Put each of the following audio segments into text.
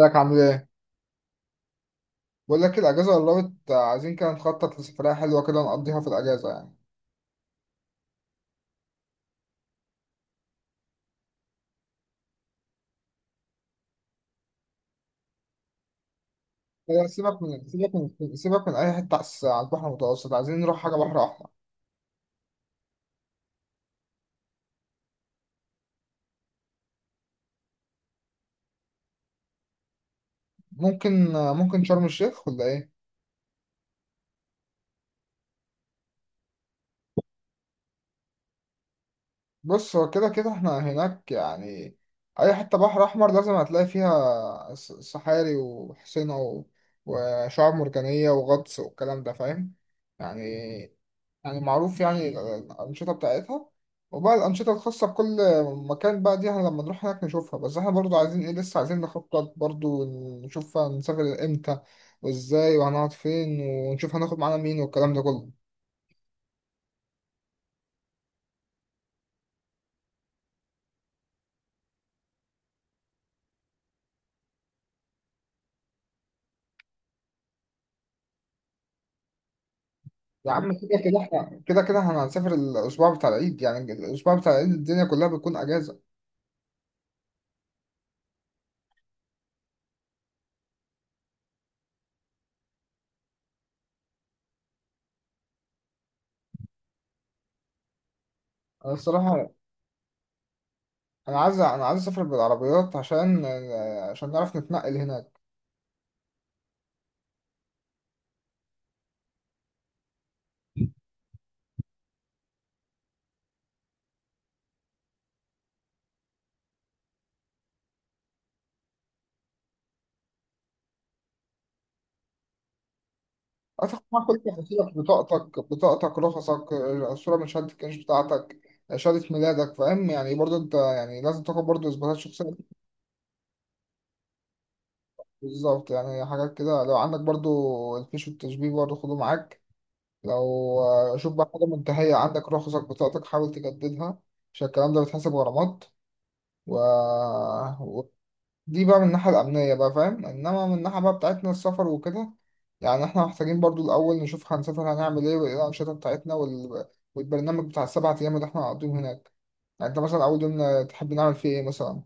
ازيك عامل ايه؟ بقول لك الاجازه قربت، عايزين كده نخطط لسفريه حلوه كده نقضيها في الاجازه يعني. لا، سيبك من اي حته على على البحر المتوسط، عايزين نروح حاجه بحر احمر. ممكن شرم الشيخ ولا ايه؟ بص هو كده كده احنا هناك يعني. اي حته بحر احمر لازم هتلاقي فيها صحاري وحصينه وشعاب مرجانيه وغطس والكلام ده، فاهم؟ يعني يعني معروف، يعني الأنشطة بتاعتها. وبقى الأنشطة الخاصة بكل مكان بقى دي احنا لما نروح هناك نشوفها، بس احنا برضو عايزين ايه، لسه عايزين نخطط برضو. نشوف هنسافر امتى وازاي، وهنقعد فين، ونشوف هناخد معانا مين والكلام ده كله. يا عم كده كده احنا هنسافر الأسبوع بتاع العيد، يعني الأسبوع بتاع العيد الدنيا كلها بتكون أجازة. أنا الصراحة أنا عايز أسافر بالعربيات عشان نعرف نتنقل هنا. هتاخد معاك كل تفاصيلك، بطاقتك رخصك، الصورة من شهادة الكاش بتاعتك، شهادة ميلادك، فاهم يعني؟ برضو انت يعني لازم تاخد برضو اثباتات شخصية. بالظبط، يعني حاجات كده، لو عندك برضو الفيش والتشبيه برضو خده معاك. لو شوف بقى، حاجة منتهية عندك رخصك بطاقتك حاول تجددها، عشان الكلام ده بيتحسب غرامات و... دي بقى من الناحية الأمنية بقى، فاهم؟ إنما من الناحية بقى بتاعتنا السفر وكده، يعني إحنا محتاجين برضو الأول نشوف هنسافر هنعمل إيه وإيه الأنشطة بتاعتنا والبرنامج بتاع 7 أيام اللي إحنا هنقضيهم هناك. يعني أنت مثلا أول يوم تحب نعمل فيه إيه مثلا؟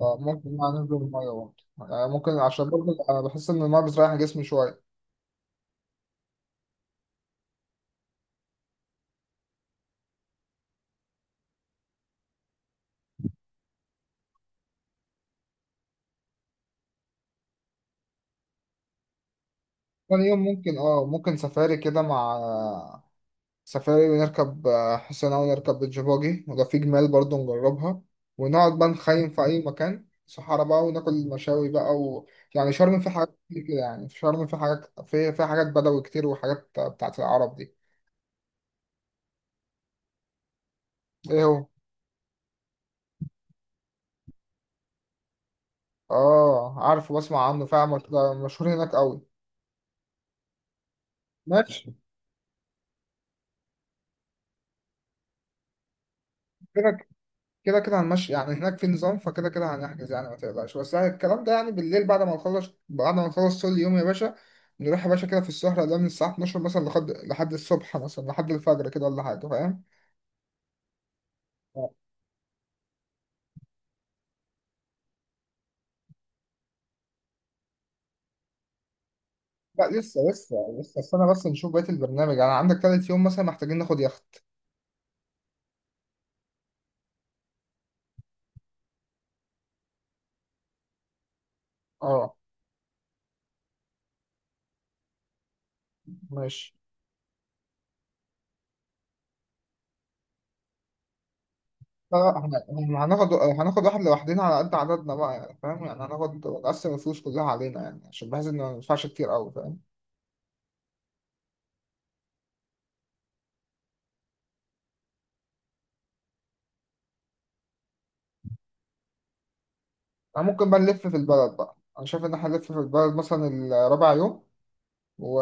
فممكن بقى ننزل المية برضه، يعني ممكن عشان برضه أنا بحس إن المية بتريح جسمي شوية. تاني يوم ممكن، آه ممكن سفاري كده مع سفاري، ونركب حصانة، ونركب بيتش، وده في جمال برضه نجربها، ونقعد بقى نخيم في أي مكان صحارى بقى، وناكل مشاوي بقى. يعني شرم في حاجات كتير كده، يعني في شرم في حاجات في حاجات بدوي كتير، وحاجات بتاعت العرب دي. إيه هو؟ آه عارف وبسمع عنه فعلا، ده مشهور هناك أوي. ماشي، كده كده كده هنمشي يعني، هناك في نظام، فكده كده هنحجز يعني، ما تقلقش بس، يعني الكلام ده يعني بالليل بعد ما نخلص طول اليوم يا باشا، نروح يا باشا كده في السهرة ده، من الساعة 12 مثلا لحد الصبح مثلا، لحد الفجر كده، ولا حاجة، فاهم؟ لا لسه استنى بس نشوف بقية البرنامج. يعني عندك تالت يوم مثلا، محتاجين ناخد يخت. اه ماشي. لا لا، إحنا هناخد واحد لوحدنا على قد عددنا بقى، يعني فاهم يعني هناخد نقسم الفلوس كلها علينا، يعني عشان بحيث ان ما ندفعش كتير قوي. أنا ممكن بقى نلف في البلد بقى، أنا شايف إن إحنا نلف في البلد مثلا الرابع يوم و...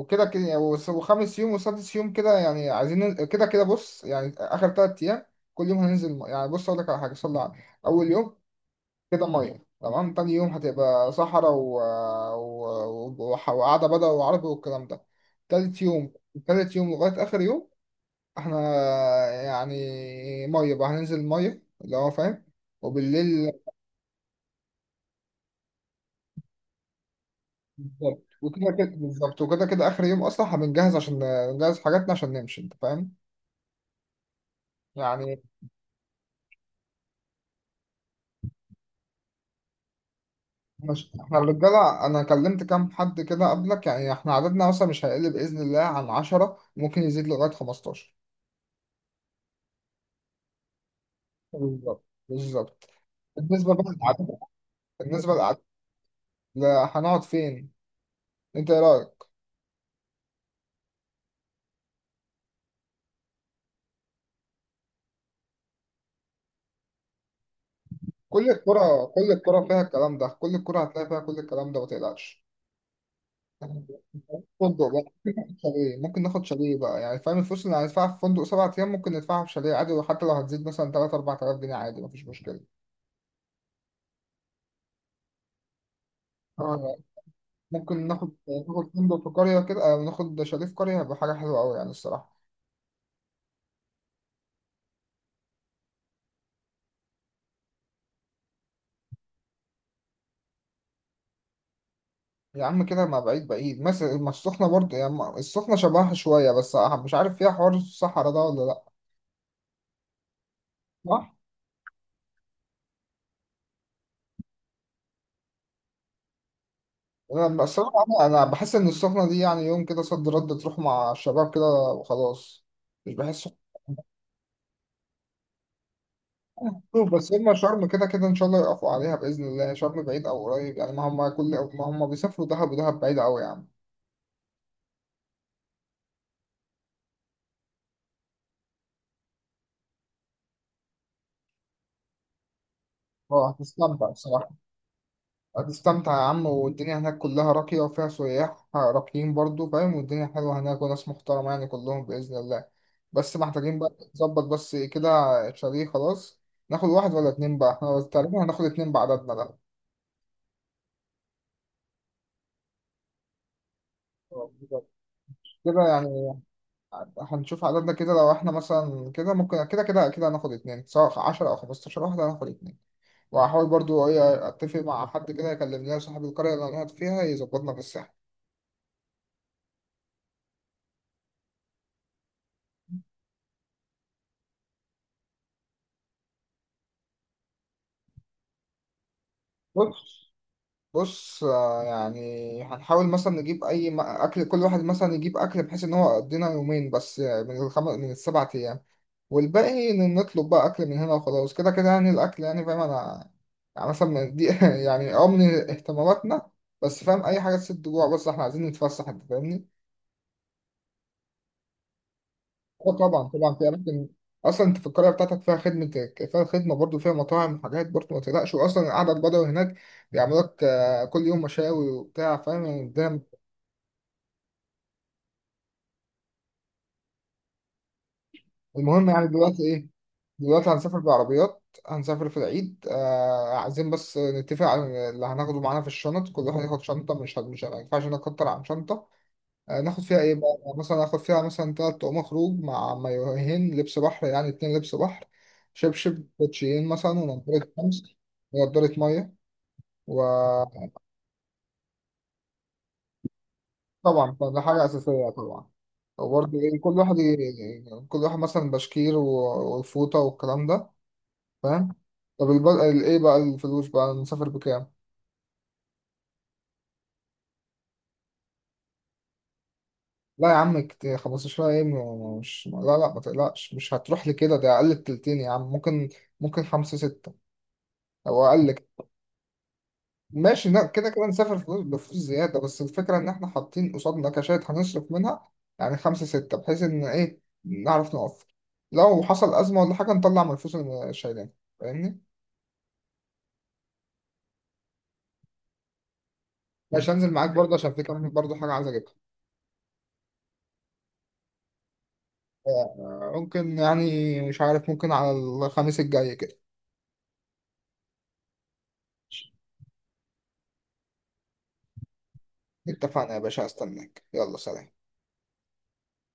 وكده كده يعني، وخامس يوم وسادس يوم كده، يعني عايزين كده كده بص يعني آخر تلات أيام كل يوم هننزل يعني بص أقول لك على حاجة. صلى على. أول يوم كده مية تمام. تاني يوم هتبقى صحراء وقعدة بدوي وعربي والكلام ده. تالت يوم. لغاية آخر يوم إحنا يعني مية بقى هننزل، مية اللي هو، فاهم؟ وبالليل. بالظبط وكده كده، اخر يوم اصلا هنجهز، عشان نجهز حاجاتنا عشان نمشي، انت فاهم يعني. مش احنا الرجاله، انا كلمت كام حد كده قبلك، يعني احنا عددنا مثلا مش هيقل باذن الله عن 10، ممكن يزيد لغايه 15. بالظبط بالظبط. بالنسبه بقى للعدد. بالنسبه للعدد لا، هنقعد فين؟ انت ايه رايك؟ كل الكره فيها الكلام ده، كل الكره هتلاقي فيها كل الكلام ده، ما تقلقش. فندق بقى ممكن ناخد شاليه، بقى يعني فاهم، الفلوس اللي هندفعها في فندق 7 أيام ممكن ندفعها في شاليه عادي، وحتى لو هتزيد مثلا تلات أربع تلاف جنيه عادي، مفيش مشكلة. اه ممكن ناخد. ناخد فندق في قرية كده، أو ناخد شاليه في قرية، هيبقى حاجة حلوة أوي يعني الصراحة. يا عم كده، ما بعيد بعيد مثلا، ما السخنة برضه، يعني السخنة شبهها شوية بس، مش عارف فيها حوار الصحراء ده ولا لأ. صح؟ أنا الصراحة أنا بحس إن السخنة دي يعني يوم كده صد رد تروح مع الشباب كده وخلاص. مش بحس. شوف بس، هما شرم كده كده ان شاء الله يقفوا عليها باذن الله، شرم بعيد او قريب يعني، ما هم كل ما هم بيسافروا دهب، ودهب بعيده قوي يا عم. اه هتستمتع بصراحه. هتستمتع يا عم، والدنيا هناك كلها راقيه، وفيها سياح راقيين برضو، فاهم؟ والدنيا حلوه هناك، وناس محترمه يعني كلهم باذن الله. بس محتاجين بقى نظبط بس كده. شاليه خلاص، ناخد واحد ولا اتنين بقى؟ احنا تقريبا هناخد اتنين بعددنا ده. آه، بالظبط. كده يعني. هنشوف عددنا كده، لو احنا مثلا كده ممكن كده كده كده هناخد اتنين، سواء 10 او 15 واحد هناخد اتنين. وهحاول برضو ايه اتفق مع حد كده، يكلم لنا صاحب القرية اللي انا قاعد فيها يظبطنا في الساحة. بص. آه، يعني هنحاول مثلا نجيب اي اكل، كل واحد مثلا يجيب اكل، بحيث ان هو يقضينا يومين بس، آه، من 7 ايام، والباقي نطلب بقى اكل من هنا وخلاص. كده كده يعني الاكل، يعني فاهم انا، يعني مثلا من دي يعني من اهتماماتنا، بس فاهم اي حاجة تسد جوع، بس احنا عايزين نتفسح، انت فاهمني؟ اه طبعا طبعا، في اماكن، اصلا انت في القريه بتاعتك فيها خدمه، فيها خدمه برضو، فيها مطاعم وحاجات برضو، ما تقلقش. واصلا القعده البدوي هناك بيعملوا لك كل يوم مشاوي وبتاع، فاهم يعني؟ قدام. المهم يعني دلوقتي ايه؟ دلوقتي هنسافر بالعربيات، هنسافر في العيد، آه عايزين بس نتفق على اللي هناخده معانا في الشنط. كل واحد ياخد شنطه، مش مش ما ينفعش نكتر عن شنطه. آه، ناخد فيها ايه بقى؟ يعني مثلا ناخد فيها مثلا تلات طقم خروج مع مايوهين لبس بحر، يعني اتنين لبس بحر، شبشب كوتشيين مثلا، ونضارة شمس، ونضارة مية، وطبعا ده حاجة أساسية طبعا. وبرضه إيه، كل واحد كل واحد مثلا بشكير والفوطة والكلام ده، فاهم؟ طب ايه بقى الفلوس بقى نسافر بكام؟ لا يا عم، 15 ايه مش، لا لا ما تقلقش، مش هتروح لي كده، ده اقل التلتين يا عم. ممكن خمسة ستة او اقل. ماشي، لا كده كده نسافر فلوس بفلوس زيادة، بس الفكرة إن إحنا حاطين قصادنا كاشات هنصرف منها، يعني خمسة ستة، بحيث إن إيه نعرف نوفر، لو حصل أزمة ولا حاجة نطلع من الفلوس اللي شايلينها، فاهمني؟ ماشي، هنزل معاك برضه، عشان في كمان برضه حاجة عايز أجيبها. آه، ممكن يعني مش عارف، ممكن على الخميس الجاي كده. اتفقنا يا باشا، هستناك، يلا سلام.